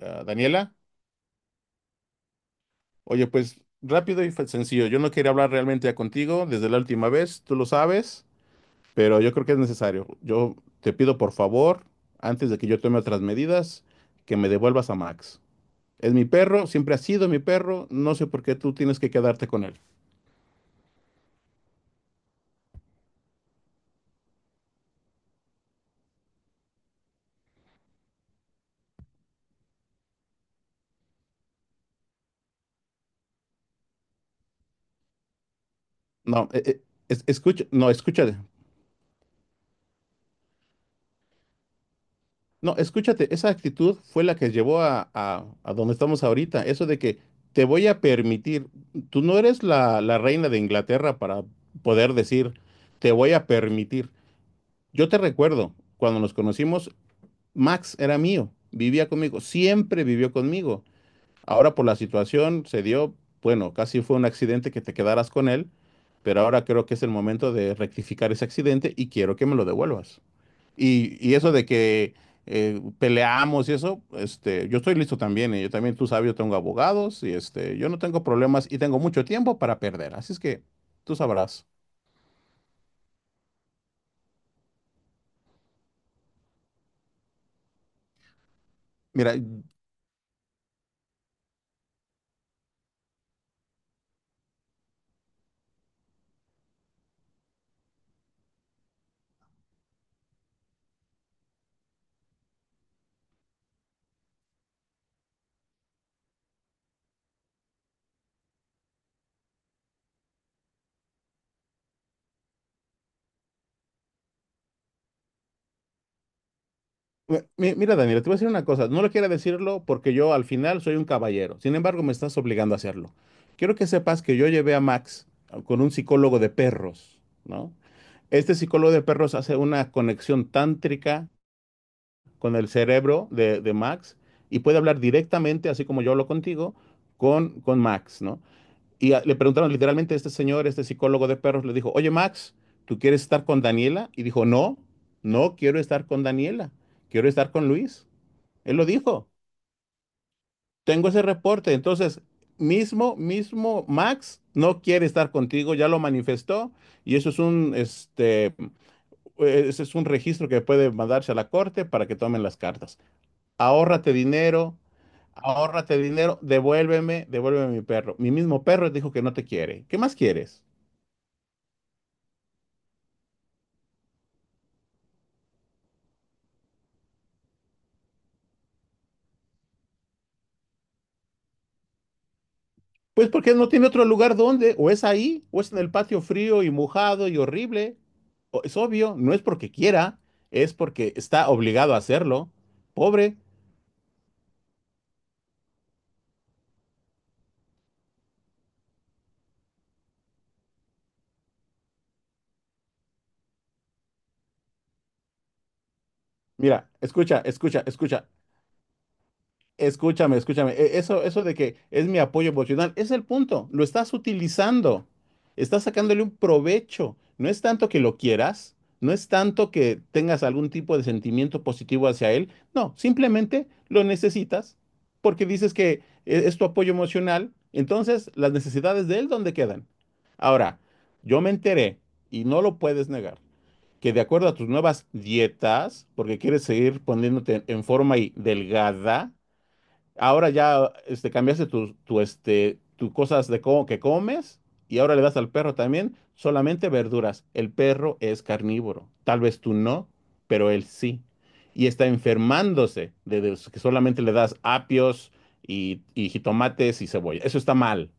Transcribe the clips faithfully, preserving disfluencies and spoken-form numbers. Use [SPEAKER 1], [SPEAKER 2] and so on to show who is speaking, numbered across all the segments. [SPEAKER 1] Ah, Daniela, oye, pues rápido y fa- sencillo. Yo no quería hablar realmente ya contigo desde la última vez, tú lo sabes, pero yo creo que es necesario. Yo te pido por favor, antes de que yo tome otras medidas, que me devuelvas a Max. Es mi perro, siempre ha sido mi perro, no sé por qué tú tienes que quedarte con él. No, eh, eh, es- escucha, no, escucha. No, escúchate, esa actitud fue la que llevó a, a- a donde estamos ahorita. Eso de que te voy a permitir, tú no eres la, la reina de Inglaterra para poder decir, te voy a permitir. Yo te recuerdo, cuando nos conocimos, Max era mío, vivía conmigo, siempre vivió conmigo. Ahora por la situación se dio, bueno, casi fue un accidente que te quedaras con él, pero ahora creo que es el momento de rectificar ese accidente y quiero que me lo devuelvas. Y, y eso de que eh, peleamos y eso, este, yo estoy listo también. Y yo también, tú sabes, yo tengo abogados y este, yo no tengo problemas y tengo mucho tiempo para perder. Así es que tú sabrás. Mira, mi- mira, Daniela, te voy a decir una cosa. No lo quiero decirlo porque yo al final soy un caballero. Sin embargo, me estás obligando a hacerlo. Quiero que sepas que yo llevé a Max con un psicólogo de perros, ¿no? Este psicólogo de perros hace una conexión tántrica con el cerebro de, de Max y puede hablar directamente, así como yo hablo contigo, con, con Max, ¿no? Y a- le preguntaron literalmente a este señor, este psicólogo de perros, le dijo, oye Max, ¿tú quieres estar con Daniela? Y dijo, no, no quiero estar con Daniela, quiero estar con Luis. Él lo dijo, tengo ese reporte, entonces, mismo, mismo Max no quiere estar contigo, ya lo manifestó y eso es un, este, eh, ese es un registro que puede mandarse a la corte para que tomen las cartas. Ahórrate dinero, ahórrate dinero, devuélveme, devuélveme mi perro. Mi mismo perro dijo que no te quiere. ¿Qué más quieres? Pues porque no tiene otro lugar donde, o es ahí, o es en el patio frío y mojado y horrible. O- es obvio, no es porque quiera, es porque está obligado a hacerlo. Pobre. Mira, escucha, escucha, escucha. Escúchame, escúchame. e- Eso, eso de que es mi apoyo emocional, es el punto. Lo estás utilizando. Estás sacándole un provecho. No es tanto que lo quieras, no es tanto que tengas algún tipo de sentimiento positivo hacia él. No, simplemente lo necesitas porque dices que e- es tu apoyo emocional. Entonces, las necesidades de él, ¿dónde quedan? Ahora, yo me enteré, y no lo puedes negar, que de acuerdo a tus nuevas dietas, porque quieres seguir poniéndote en forma y delgada, ahora ya este, cambiaste tus tu, este, tu cosas de co- que comes y ahora le das al perro también solamente verduras. El perro es carnívoro. Tal vez tú no, pero él sí. Y está enfermándose de, de que solamente le das apios y, y jitomates y cebolla. Eso está mal.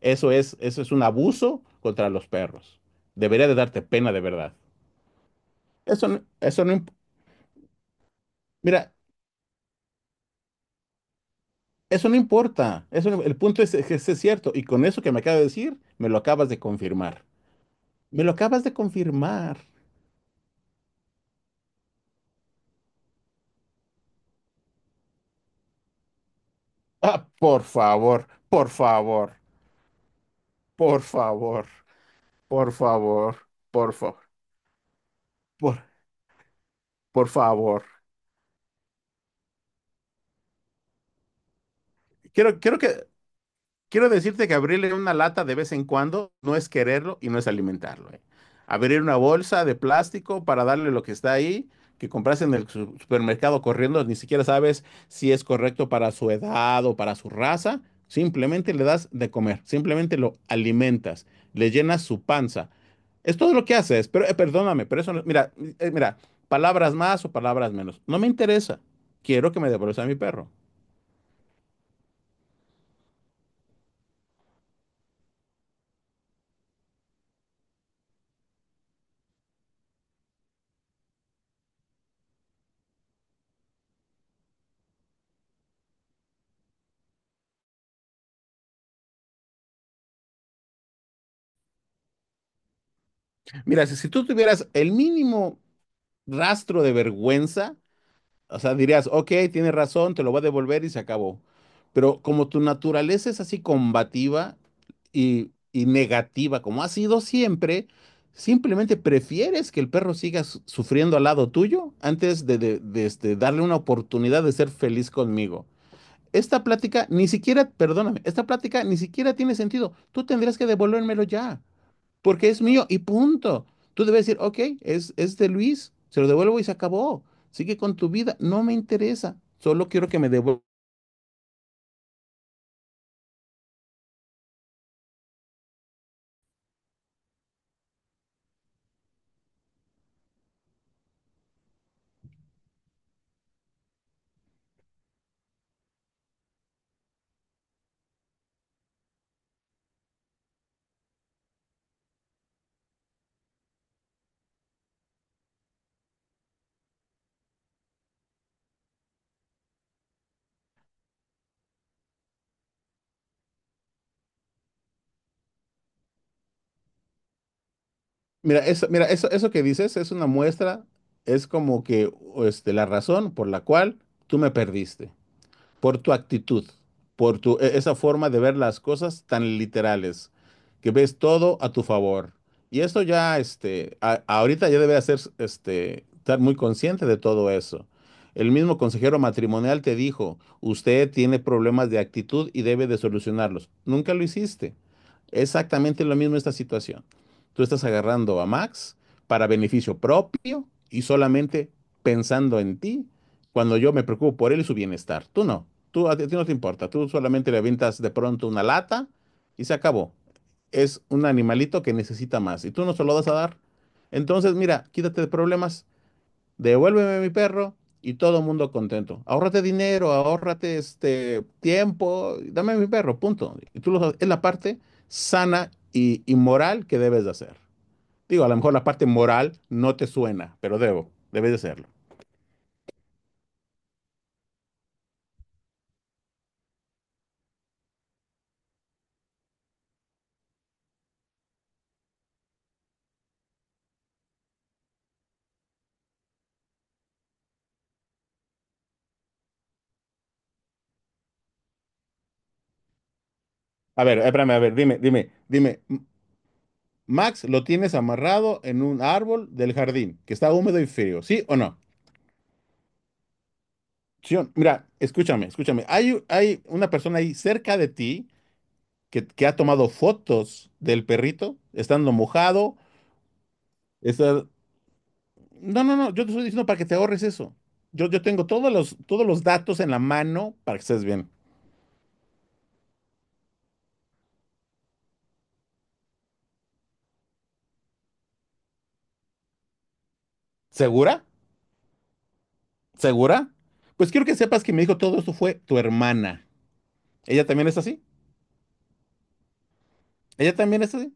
[SPEAKER 1] Eso es, eso es un abuso contra los perros. Debería de darte pena de verdad. Eso, no- eso no... imp- Mira, Eso no importa. Eso no El punto es que es cierto. Y con eso que me acabas de decir, me lo acabas de confirmar. Me lo acabas de confirmar. Ah, por favor, por favor, por favor, por favor, por favor, por, por favor. Quiero, quiero que, Quiero decirte que abrirle una lata de vez en cuando no es quererlo y no es alimentarlo, ¿eh? Abrir una bolsa de plástico para darle lo que está ahí, que compras en el su- supermercado corriendo, ni siquiera sabes si es correcto para su edad o para su raza. Simplemente le das de comer, simplemente lo alimentas, le llenas su panza. Es todo lo que haces, pero eh, perdóname, pero eso no- mira, eh, mira, palabras más o palabras menos. No me interesa. Quiero que me devuelvas a mi perro. Mira, si, si tú tuvieras el mínimo rastro de vergüenza, o sea, dirías, ok, tienes razón, te lo voy a devolver y se acabó. Pero como tu naturaleza es así combativa y, y negativa, como ha sido siempre, simplemente prefieres que el perro siga su- sufriendo al lado tuyo antes de, de- de, este, darle una oportunidad de ser feliz conmigo. Esta plática ni siquiera, perdóname, esta plática ni siquiera tiene sentido. Tú tendrías que devolvérmelo ya porque es mío y punto. Tú debes decir, ok, es, es de Luis, se lo devuelvo y se acabó. Sigue con tu vida, no me interesa, solo quiero que me devuelva. Mira, eso, mira, eso, eso que dices es una muestra, es como que este, la razón por la cual tú me perdiste, por tu actitud, por tu, e- esa forma de ver las cosas tan literales, que ves todo a tu favor. Y esto ya, este, a- ahorita ya debe hacer, este, estar muy consciente de todo eso. El mismo consejero matrimonial te dijo, usted tiene problemas de actitud y debe de solucionarlos. Nunca lo hiciste. Exactamente lo mismo esta situación. Tú estás agarrando a Max para beneficio propio y solamente pensando en ti cuando yo me preocupo por él y su bienestar. Tú no, tú a ti no te importa, tú solamente le avientas de pronto una lata y se acabó. Es un animalito que necesita más y tú no se lo vas a dar. Entonces, mira, quítate de problemas, devuélveme mi perro y todo el mundo contento. Ahórrate dinero, ahórrate este tiempo, dame mi perro, punto. Y tú lo, es la parte sana y, y moral que debes de hacer. Digo, a lo mejor la parte moral no te suena, pero debo, debes de hacerlo. A ver, espérame, a ver, dime, dime, dime. M- Max lo tienes amarrado en un árbol del jardín, que está húmedo y frío, ¿sí o no? Sí o- Mira, escúchame, escúchame. Hay, u- hay una persona ahí cerca de ti que, que ha tomado fotos del perrito, estando mojado. está- No, no, no, yo te estoy diciendo para que te ahorres eso. Yo, yo tengo todos los, todos los datos en la mano para que estés bien. ¿Segura? ¿Segura? Pues quiero que sepas que me dijo todo esto fue tu hermana. ¿Ella también es así? ¿Ella también es así?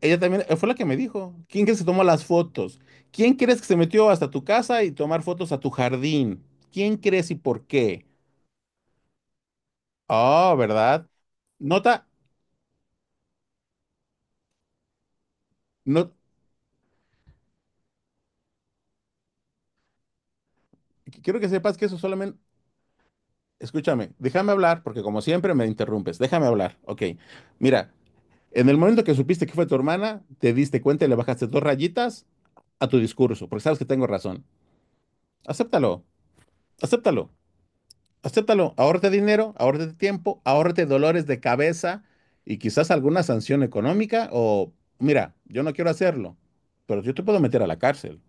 [SPEAKER 1] Ella también eh, fue la que me dijo. ¿Quién crees que tomó las fotos? ¿Quién crees que se metió hasta tu casa y tomar fotos a tu jardín? ¿Quién crees y por qué? Oh, ¿verdad? Nota, no, qu- quiero que sepas que eso solamente, escúchame, déjame hablar, porque como siempre me interrumpes, déjame hablar, ok. Mira, en el momento que supiste que fue tu hermana, te diste cuenta y le bajaste dos rayitas a tu discurso, porque sabes que tengo razón. Acéptalo, acéptalo. Acéptalo, ahórrate dinero, ahórrate tiempo, ahórrate dolores de cabeza y quizás alguna sanción económica o, mira, yo no quiero hacerlo, pero yo te puedo meter a la cárcel.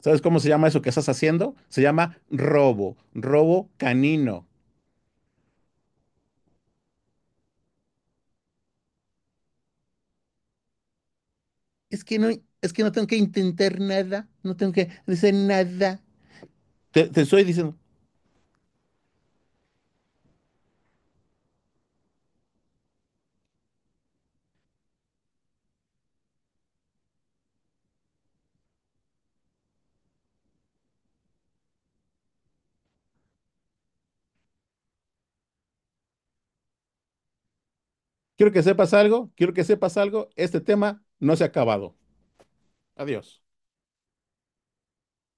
[SPEAKER 1] ¿Sabes cómo se llama eso que estás haciendo? Se llama robo, robo canino. Es que no, es que no tengo que intentar nada, no tengo que hacer nada. Te, te estoy diciendo, quiero que sepas algo, quiero que sepas algo, este tema no se ha acabado. Adiós.